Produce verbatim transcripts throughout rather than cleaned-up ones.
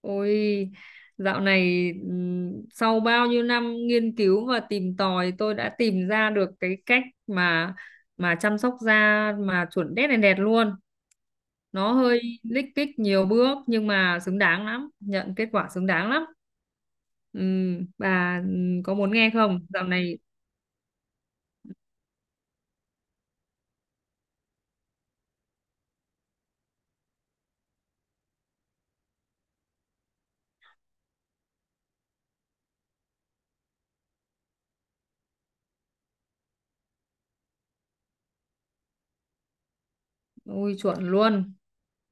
Ôi, dạo này ừm, sau bao nhiêu năm nghiên cứu và tìm tòi tôi đã tìm ra được cái cách mà mà chăm sóc da mà chuẩn đét này đẹp luôn. Nó hơi lích kích nhiều bước nhưng mà xứng đáng lắm, nhận kết quả xứng đáng lắm. Ừm, bà ừm, có muốn nghe không? Dạo này. Ui, chuẩn luôn.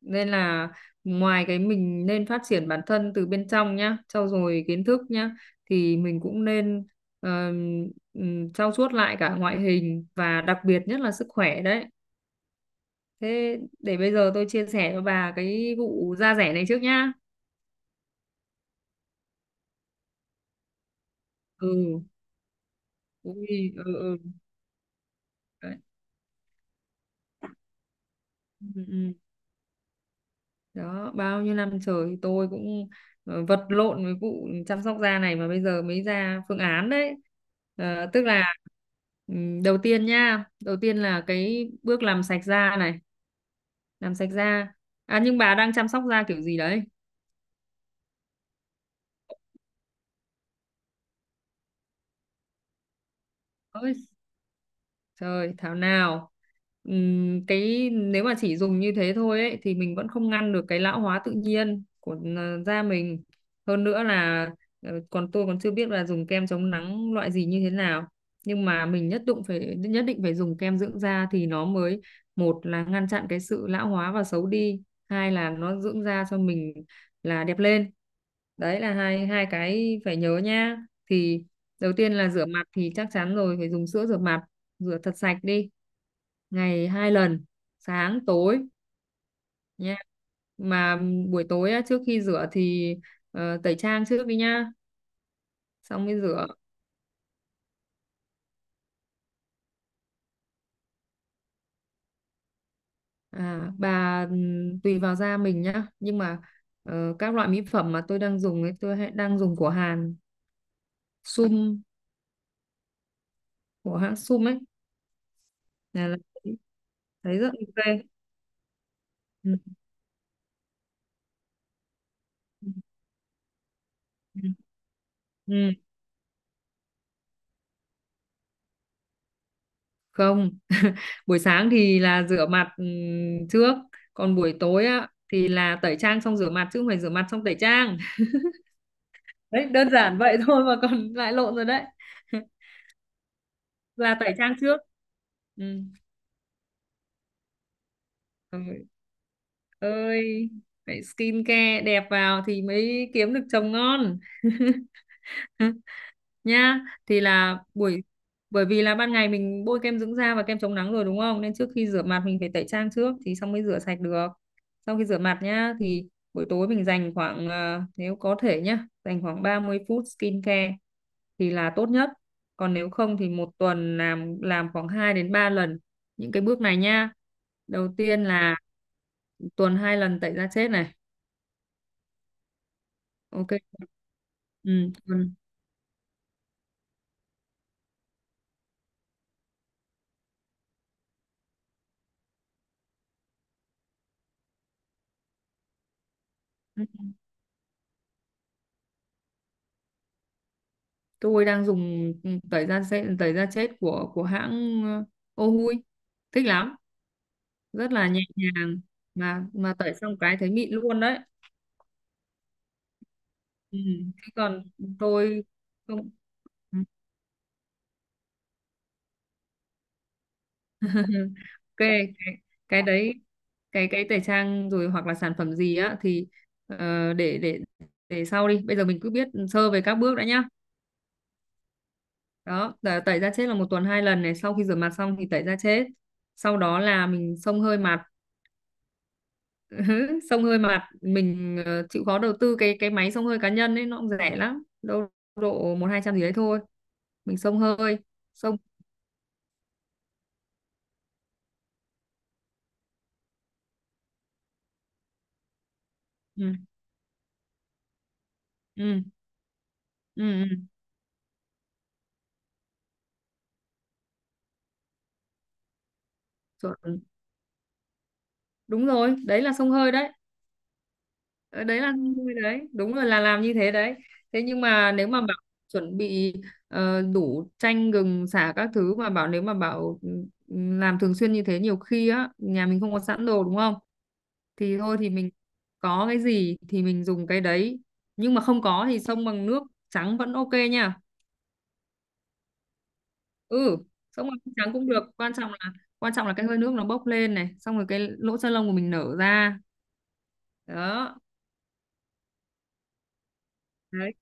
Nên là ngoài cái mình nên phát triển bản thân từ bên trong nhá, trau dồi kiến thức nhá thì mình cũng nên ờm, ừm, trau chuốt lại cả ngoại hình và đặc biệt nhất là sức khỏe đấy. Thế để bây giờ tôi chia sẻ cho bà cái vụ da rẻ này trước nhá. Ừ. Ui, ừ, ừ. Đấy. Ừ, ừ, ừ. Đó bao nhiêu năm trời tôi cũng ờ, vật lộn với vụ chăm sóc da này mà bây giờ mới ra phương án đấy. Ờ, tức là ừm, đầu tiên nha, đầu tiên là cái bước làm sạch da này, làm sạch da. À nhưng bà đang chăm sóc da kiểu gì đấy? Trời, thảo nào. Ừm, cái nếu mà chỉ dùng như thế thôi ấy, thì mình vẫn không ngăn được cái lão hóa tự nhiên của ờ, da mình. Hơn nữa là ờ, còn tôi còn chưa biết là dùng kem chống nắng loại gì như thế nào. Nhưng mà mình nhất định phải nhất định phải dùng kem dưỡng da thì nó mới, một là ngăn chặn cái sự lão hóa và xấu đi, hai là nó dưỡng da cho mình là đẹp lên. Đấy là hai hai cái phải nhớ nha. Thì đầu tiên là rửa mặt, thì chắc chắn rồi phải dùng sữa rửa mặt, rửa thật sạch đi, ngày hai lần sáng tối nha. Mà buổi tối á, trước khi rửa thì ờ, tẩy trang trước đi nha, xong mới rửa. À, bà ừm, tùy vào da mình nhá, nhưng mà ờ, các loại mỹ phẩm mà tôi đang dùng ấy tôi hay- đang dùng của Hàn. Sum, của hãng Sum ấy, là là thấy rất ok. Ừ. Ừ. Ừ. Ừ. Không, buổi sáng thì là rửa mặt ừm, trước, còn buổi tối á thì là tẩy trang xong rửa mặt, chứ không phải rửa mặt xong tẩy trang. Đấy, đơn giản vậy thôi mà còn lại lộn rồi đấy. Là tẩy trang trước. Ừ. Rồi. Ơi, phải skin care đẹp vào thì mới kiếm được chồng ngon. Nhá, thì là buổi, bởi vì là ban ngày mình bôi kem dưỡng da và kem chống nắng rồi đúng không, nên trước khi rửa mặt mình phải tẩy trang trước thì xong mới rửa sạch được. Sau khi rửa mặt nhá thì buổi tối mình dành khoảng ờ, nếu có thể nhá dành khoảng ba mươi phút skincare thì là tốt nhất, còn nếu không thì một tuần làm làm khoảng hai đến ba lần những cái bước này nhá. Đầu tiên là tuần hai lần tẩy da chết này, ok. Ừ, tuần tôi đang dùng ừ, tẩy da chết, tẩy da chết của của hãng ờ, Ohui, thích lắm, rất là nhẹ nhàng mà mà tẩy xong cái thấy mịn luôn đấy. Ừ. Thế còn tôi không. Ok, cái, cái đấy, cái cái tẩy trang rồi hoặc là sản phẩm gì á thì ờ, để để để sau đi, bây giờ mình cứ biết sơ về các bước đã nhá. Đó, tẩy tẩy da chết là một tuần hai lần này, sau khi rửa mặt xong thì tẩy da chết, sau đó là mình xông hơi mặt. Ừ, xông hơi mà mình ờ, chịu khó đầu tư cái cái máy xông hơi cá nhân ấy, nó cũng rẻ lắm đâu, độ một hai trăm gì đấy thôi, mình xông hơi. Xông, ừ, ừ, ừ, ừ. Chuẩn. Đúng rồi, đấy là xông hơi đấy. Ờ, đấy là xông hơi đấy, đúng rồi, là làm như thế đấy. Thế nhưng mà nếu mà bảo chuẩn bị ờ, đủ chanh gừng sả các thứ, mà bảo nếu mà bảo ừ, làm thường xuyên như thế nhiều khi á nhà mình không có sẵn đồ đúng không, thì thôi thì mình có cái gì thì mình dùng cái đấy, nhưng mà không có thì xông bằng nước trắng vẫn ok nha. Ừ, xông bằng nước trắng cũng được, quan trọng là quan trọng là cái hơi nước nó bốc lên này, xong rồi cái lỗ chân lông của mình nở ra. Đó, đấy.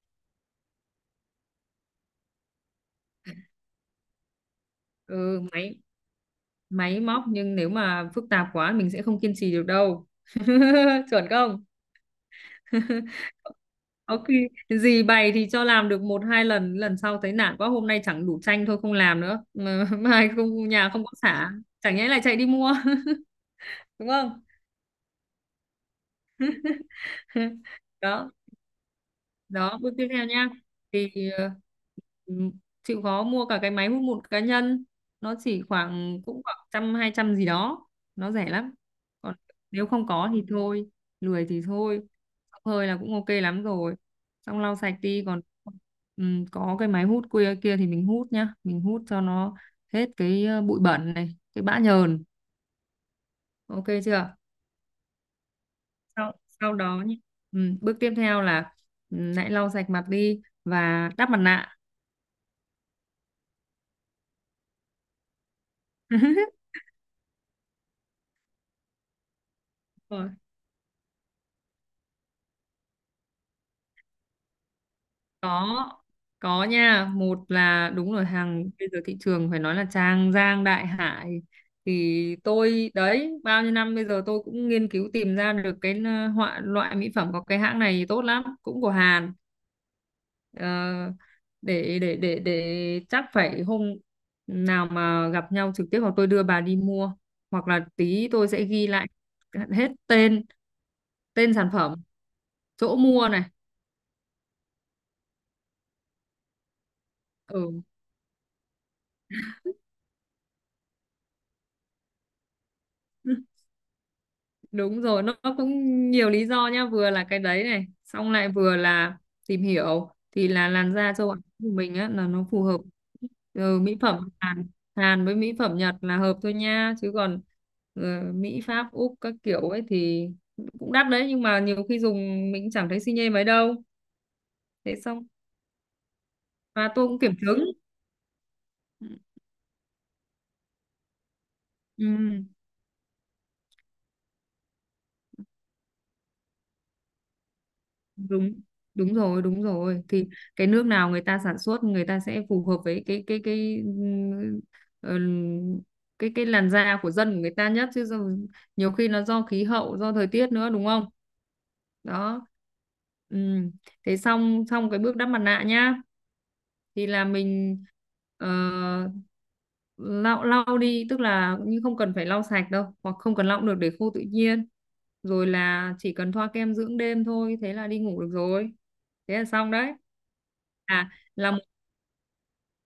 Ừ, máy máy móc nhưng nếu mà phức tạp quá mình sẽ không kiên trì được đâu. Chuẩn không, ok. Gì bày thì cho làm được một hai lần, lần sau thấy nản quá hôm nay chẳng đủ chanh thôi không làm nữa mà. Mai không, nhà không có xả, chẳng nhẽ lại chạy đi mua, đúng không. Đó. Đó, bước tiếp theo nha thì ờ, ừm, chịu khó mua cả cái máy hút mụn cá nhân, nó chỉ khoảng, cũng khoảng trăm hai trăm gì đó, nó rẻ lắm. Còn nếu không có thì thôi, lười thì thôi. Xông hơi là cũng ok lắm rồi, xong lau sạch đi, còn ừm, có cái máy hút kia kia thì mình hút nhá, mình hút cho nó hết cái ờ, bụi bẩn này, cái bã nhờn, ok chưa. Sau sau đó nhé, ừ, bước tiếp theo là ừ, hãy lau sạch mặt đi và đắp mặt nạ. Rồi, có có nha, một là đúng rồi, hàng bây giờ thị trường phải nói là trang giang đại hải, thì tôi đấy bao nhiêu năm bây giờ tôi cũng nghiên cứu tìm ra được cái ờ, họa loại mỹ phẩm, có cái hãng này tốt lắm, cũng của Hàn. Ờ, để để để để chắc phải hôm nào mà gặp nhau trực tiếp, hoặc tôi đưa bà đi mua hoặc là tí tôi sẽ ghi lại hết tên, tên sản phẩm, chỗ mua này. Ừ. Đúng rồi, nó nó cũng nhiều lý do nhá, vừa là cái đấy này, xong lại vừa là tìm hiểu thì là làn da châu Á của mình á là nó phù hợp. Ừ, mỹ phẩm Hàn Hàn với mỹ phẩm Nhật là hợp thôi nha, chứ còn ờ, Mỹ Pháp Úc các kiểu ấy thì cũng đắt đấy, nhưng mà nhiều khi dùng mình cũng chẳng thấy xi nhê mấy đâu. Thế xong, và tôi cũng kiểm chứng. Ừ. Đúng, đúng rồi, đúng rồi. Thì cái nước nào người ta sản xuất người ta sẽ phù hợp với cái cái cái ừm, ừm, cái cái làn da của dân, của người ta nhất, chứ do- nhiều khi nó do khí hậu, do thời tiết nữa đúng không. Đó. Ừm, thế xong, xong cái bước đắp mặt nạ nhá thì là mình ờ, lau lau đi, tức là nhưng không cần phải lau sạch đâu, hoặc không cần lau cũng được, để khô tự nhiên rồi là chỉ cần thoa kem dưỡng đêm thôi, thế là đi ngủ được rồi, thế là xong đấy. À là một.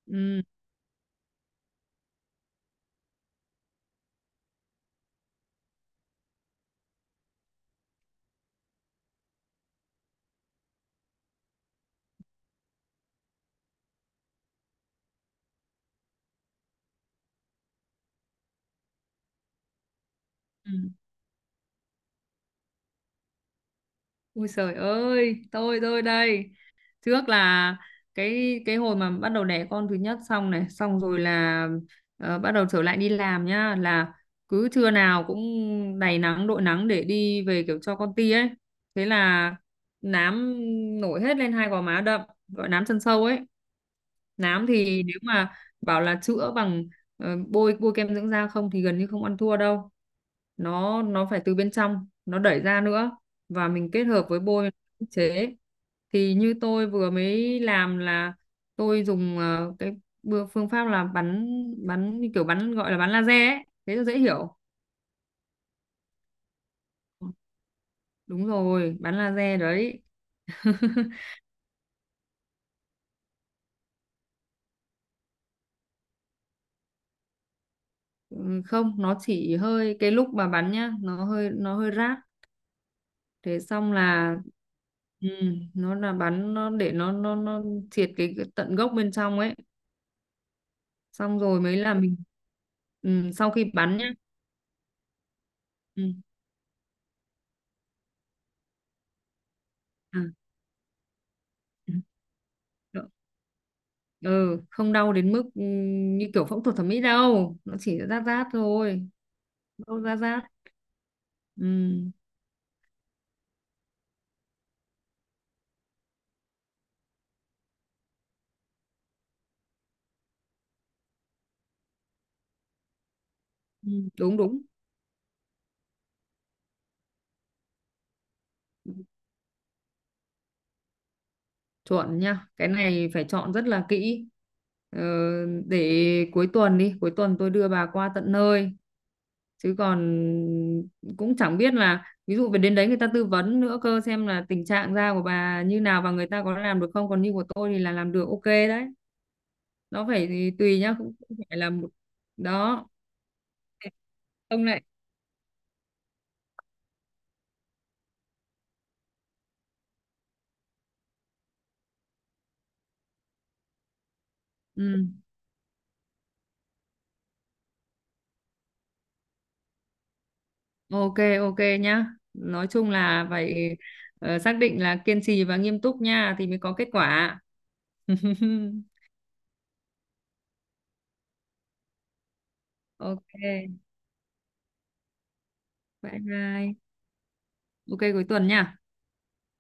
Ừ, ừ. Ui trời ơi, tôi tôi đây. Trước là cái cái hồi mà bắt đầu đẻ con thứ nhất xong này, xong rồi là ờ, bắt đầu trở lại đi làm nhá, là cứ trưa nào cũng đầy nắng đội nắng để đi về kiểu cho con ti ấy, thế là nám nổi hết lên hai gò má đậm, gọi nám chân sâu ấy. Nám thì nếu mà bảo là chữa bằng ờ, bôi bôi kem dưỡng da không thì gần như không ăn thua đâu, nó nó phải từ bên trong nó đẩy ra nữa và mình kết hợp với bôi ức chế. Thì như tôi vừa mới làm là tôi dùng ờ, cái bưa- phương pháp là bắn bắn như kiểu bắn, gọi là bắn laser ấy, thế là dễ hiểu. Đúng rồi, bắn laser đấy. Ừ, không, nó chỉ hơi cái lúc mà bắn nhá nó hơi nó hơi rát, thế xong là ừ, nó là bắn, nó để nó nó nó triệt cái, cái tận gốc bên trong ấy. Xong rồi mới là mình. Ừ, sau khi bắn nhá. Ừ. À. Ừ, ừ, không đau đến mức ừ, như kiểu phẫu thuật thẩm mỹ đâu, nó chỉ rát rát thôi, đau rát rát. Ừ. Ừ, đúng đúng chuẩn nha, cái này phải chọn rất là kỹ. Ờ, để cuối tuần đi, cuối tuần tôi đưa bà qua tận nơi, chứ còn cũng chẳng biết là ví dụ về đến đấy người ta tư vấn nữa cơ, xem là tình trạng da của bà như nào và người ta có làm được không, còn như của tôi thì là làm được ok đấy, nó phải thì tùy nhá, cũng không phải là một. Đó, ông này. Ừ. Ok, ok nhá, nói chung là phải ờ, xác định là kiên trì và nghiêm túc nha thì mới có kết quả. Ok, bye bye. Ok cuối tuần nha.